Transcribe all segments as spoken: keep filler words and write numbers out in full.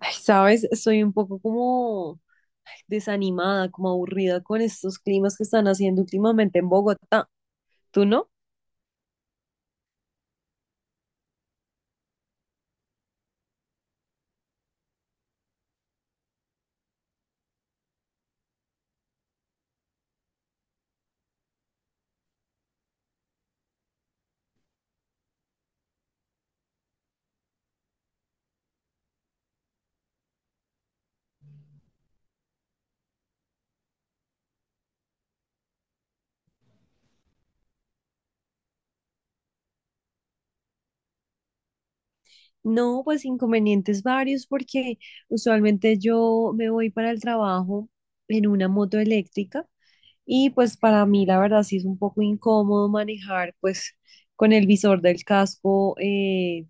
Ay, sabes, estoy un poco como ay, desanimada, como aburrida con estos climas que están haciendo últimamente en Bogotá. ¿Tú no? No, pues inconvenientes varios porque usualmente yo me voy para el trabajo en una moto eléctrica y pues para mí la verdad sí es un poco incómodo manejar pues con el visor del casco eh,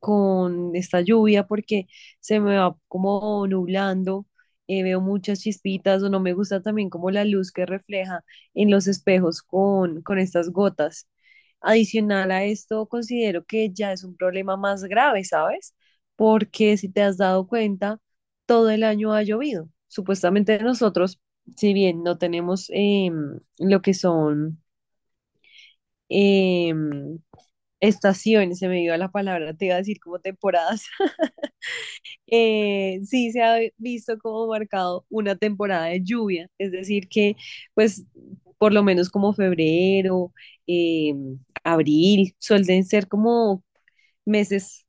con esta lluvia porque se me va como nublando, eh, veo muchas chispitas o no me gusta también como la luz que refleja en los espejos con, con estas gotas. Adicional a esto, considero que ya es un problema más grave, ¿sabes? Porque si te has dado cuenta, todo el año ha llovido. Supuestamente nosotros, si bien no tenemos em, lo que son em, estaciones, se me dio la palabra, te iba a decir como temporadas. Eh, sí se ha visto como marcado una temporada de lluvia, es decir, que pues por lo menos como febrero, eh, abril, suelen ser como meses,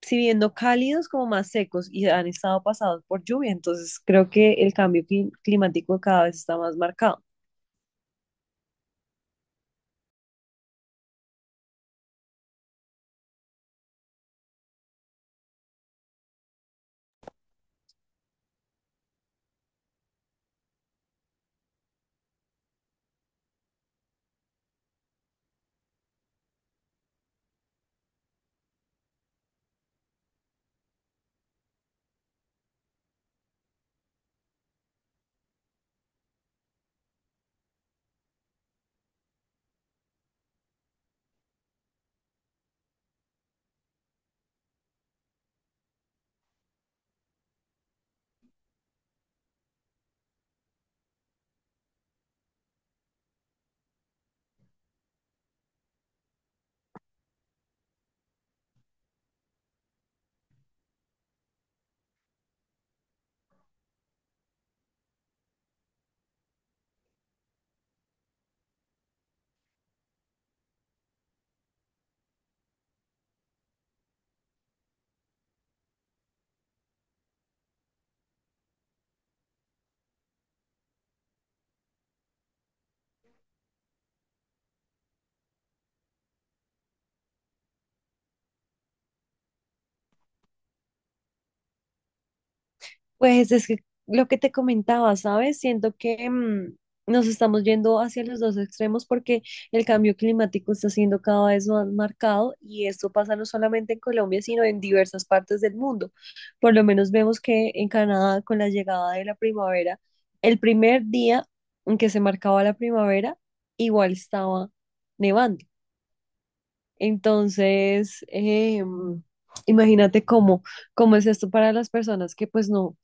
si bien no cálidos, como más secos y han estado pasados por lluvia. Entonces creo que el cambio clim- climático cada vez está más marcado. Pues es que lo que te comentaba, ¿sabes? Siento que mm, nos estamos yendo hacia los dos extremos porque el cambio climático está siendo cada vez más marcado y esto pasa no solamente en Colombia, sino en diversas partes del mundo. Por lo menos vemos que en Canadá, con la llegada de la primavera, el primer día en que se marcaba la primavera, igual estaba nevando. Entonces, em, imagínate cómo... ¿Cómo es esto para las personas que pues no,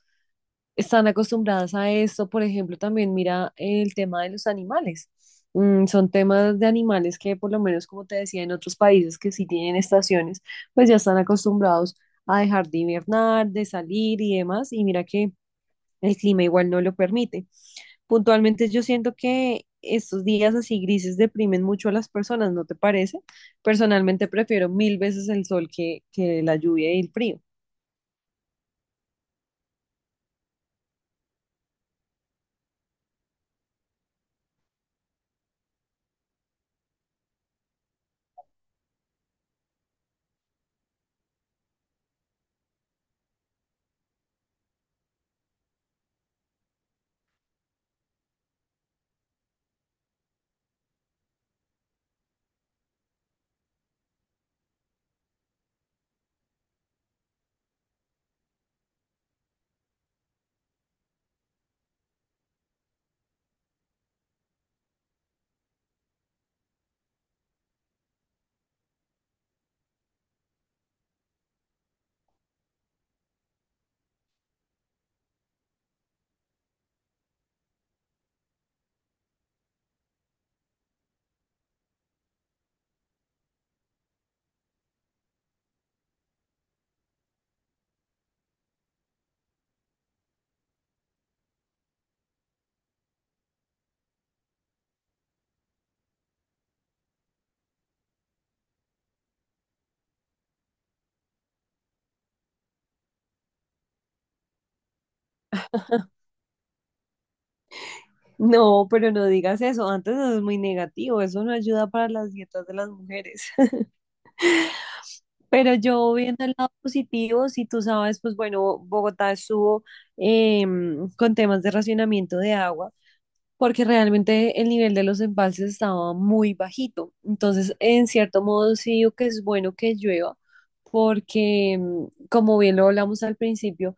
están acostumbradas a esto? Por ejemplo, también mira el tema de los animales. Mm, son temas de animales que, por lo menos, como te decía, en otros países que sí tienen estaciones, pues ya están acostumbrados a dejar de hibernar, de salir y demás. Y mira que el clima igual no lo permite. Puntualmente, yo siento que estos días así grises deprimen mucho a las personas, ¿no te parece? Personalmente prefiero mil veces el sol que, que la lluvia y el frío. No, pero no digas eso. Antes eso es muy negativo. Eso no ayuda para las dietas de las mujeres. Pero yo viendo el lado positivo, si tú sabes, pues bueno, Bogotá estuvo em, con temas de racionamiento de agua, porque realmente el nivel de los embalses estaba muy bajito. Entonces, en cierto modo, sí digo que es bueno que llueva, porque em, como bien lo hablamos al principio,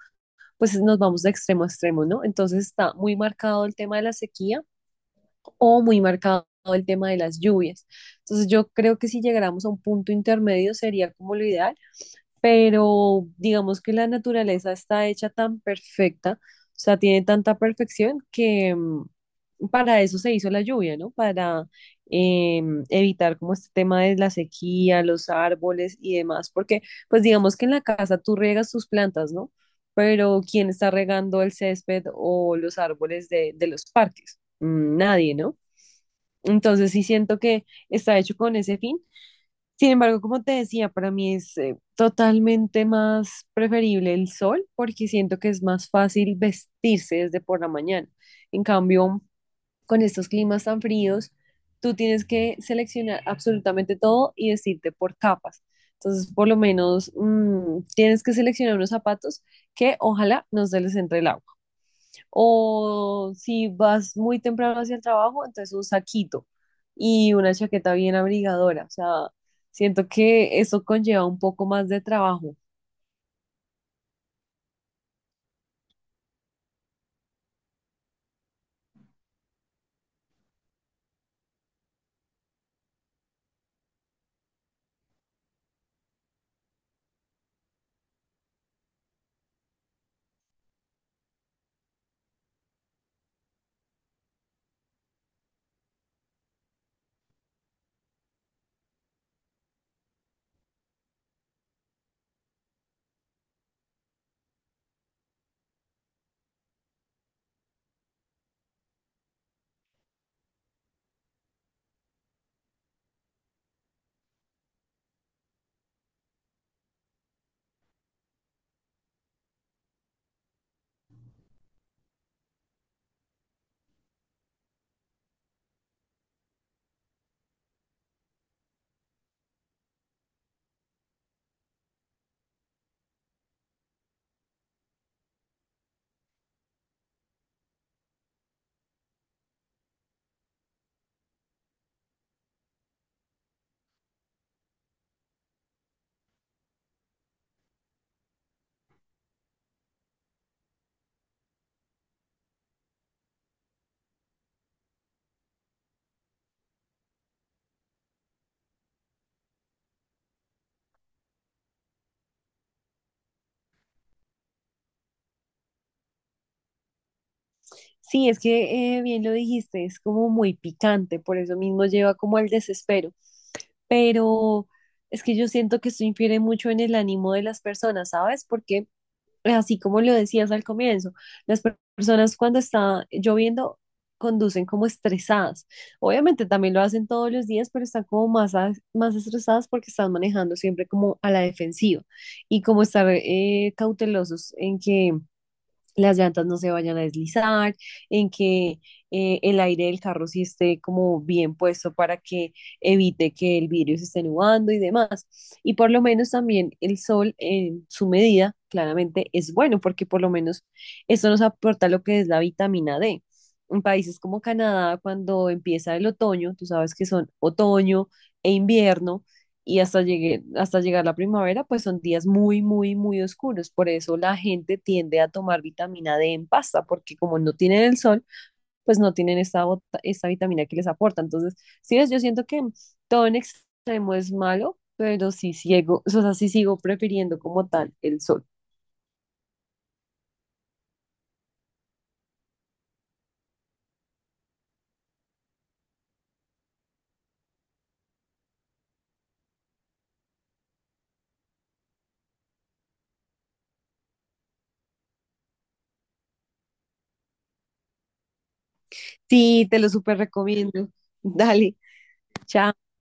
pues nos vamos de extremo a extremo, ¿no? Entonces está muy marcado el tema de la sequía o muy marcado el tema de las lluvias. Entonces yo creo que si llegáramos a un punto intermedio sería como lo ideal, pero digamos que la naturaleza está hecha tan perfecta, o sea, tiene tanta perfección que, mm, para eso se hizo la lluvia, ¿no? Para eh, evitar como este tema de la sequía, los árboles y demás, porque pues digamos que en la casa tú riegas tus plantas, ¿no? Pero ¿quién está regando el césped o los árboles de, de los parques? Mm, Nadie, ¿no? Entonces sí siento que está hecho con ese fin. Sin embargo, como te decía, para mí es eh, totalmente más preferible el sol porque siento que es más fácil vestirse desde por la mañana. En cambio, con estos climas tan fríos, tú tienes que seleccionar absolutamente todo y vestirte por capas. Entonces, por lo menos, mm, tienes que seleccionar unos zapatos que ojalá no se les entre el agua. O si vas muy temprano hacia el trabajo, entonces un saquito y una chaqueta bien abrigadora. O sea, siento que eso conlleva un poco más de trabajo. Sí, es que eh, bien lo dijiste, es como muy picante, por eso mismo lleva como al desespero. Pero es que yo siento que esto infiere mucho en el ánimo de las personas, ¿sabes? Porque así como lo decías al comienzo, las per- personas cuando está lloviendo conducen como estresadas. Obviamente también lo hacen todos los días, pero están como más, a- más estresadas porque están manejando siempre como a la defensiva y como estar eh, cautelosos en que las llantas no se vayan a deslizar, en que eh, el aire del carro sí esté como bien puesto para que evite que el vidrio se esté nublando y demás. Y por lo menos también el sol en su medida claramente es bueno porque por lo menos eso nos aporta lo que es la vitamina de. En países como Canadá, cuando empieza el otoño, tú sabes que son otoño e invierno, y hasta llegue, hasta llegar la primavera, pues son días muy, muy, muy oscuros. Por eso la gente tiende a tomar vitamina de en pasta, porque como no tienen el sol, pues no tienen esta, bota- esta vitamina que les aporta. Entonces, sí ves, yo siento que todo en extremo es malo, pero sí ciego, o sea, sí sigo prefiriendo como tal el sol. Sí, te lo súper recomiendo. Dale, chao.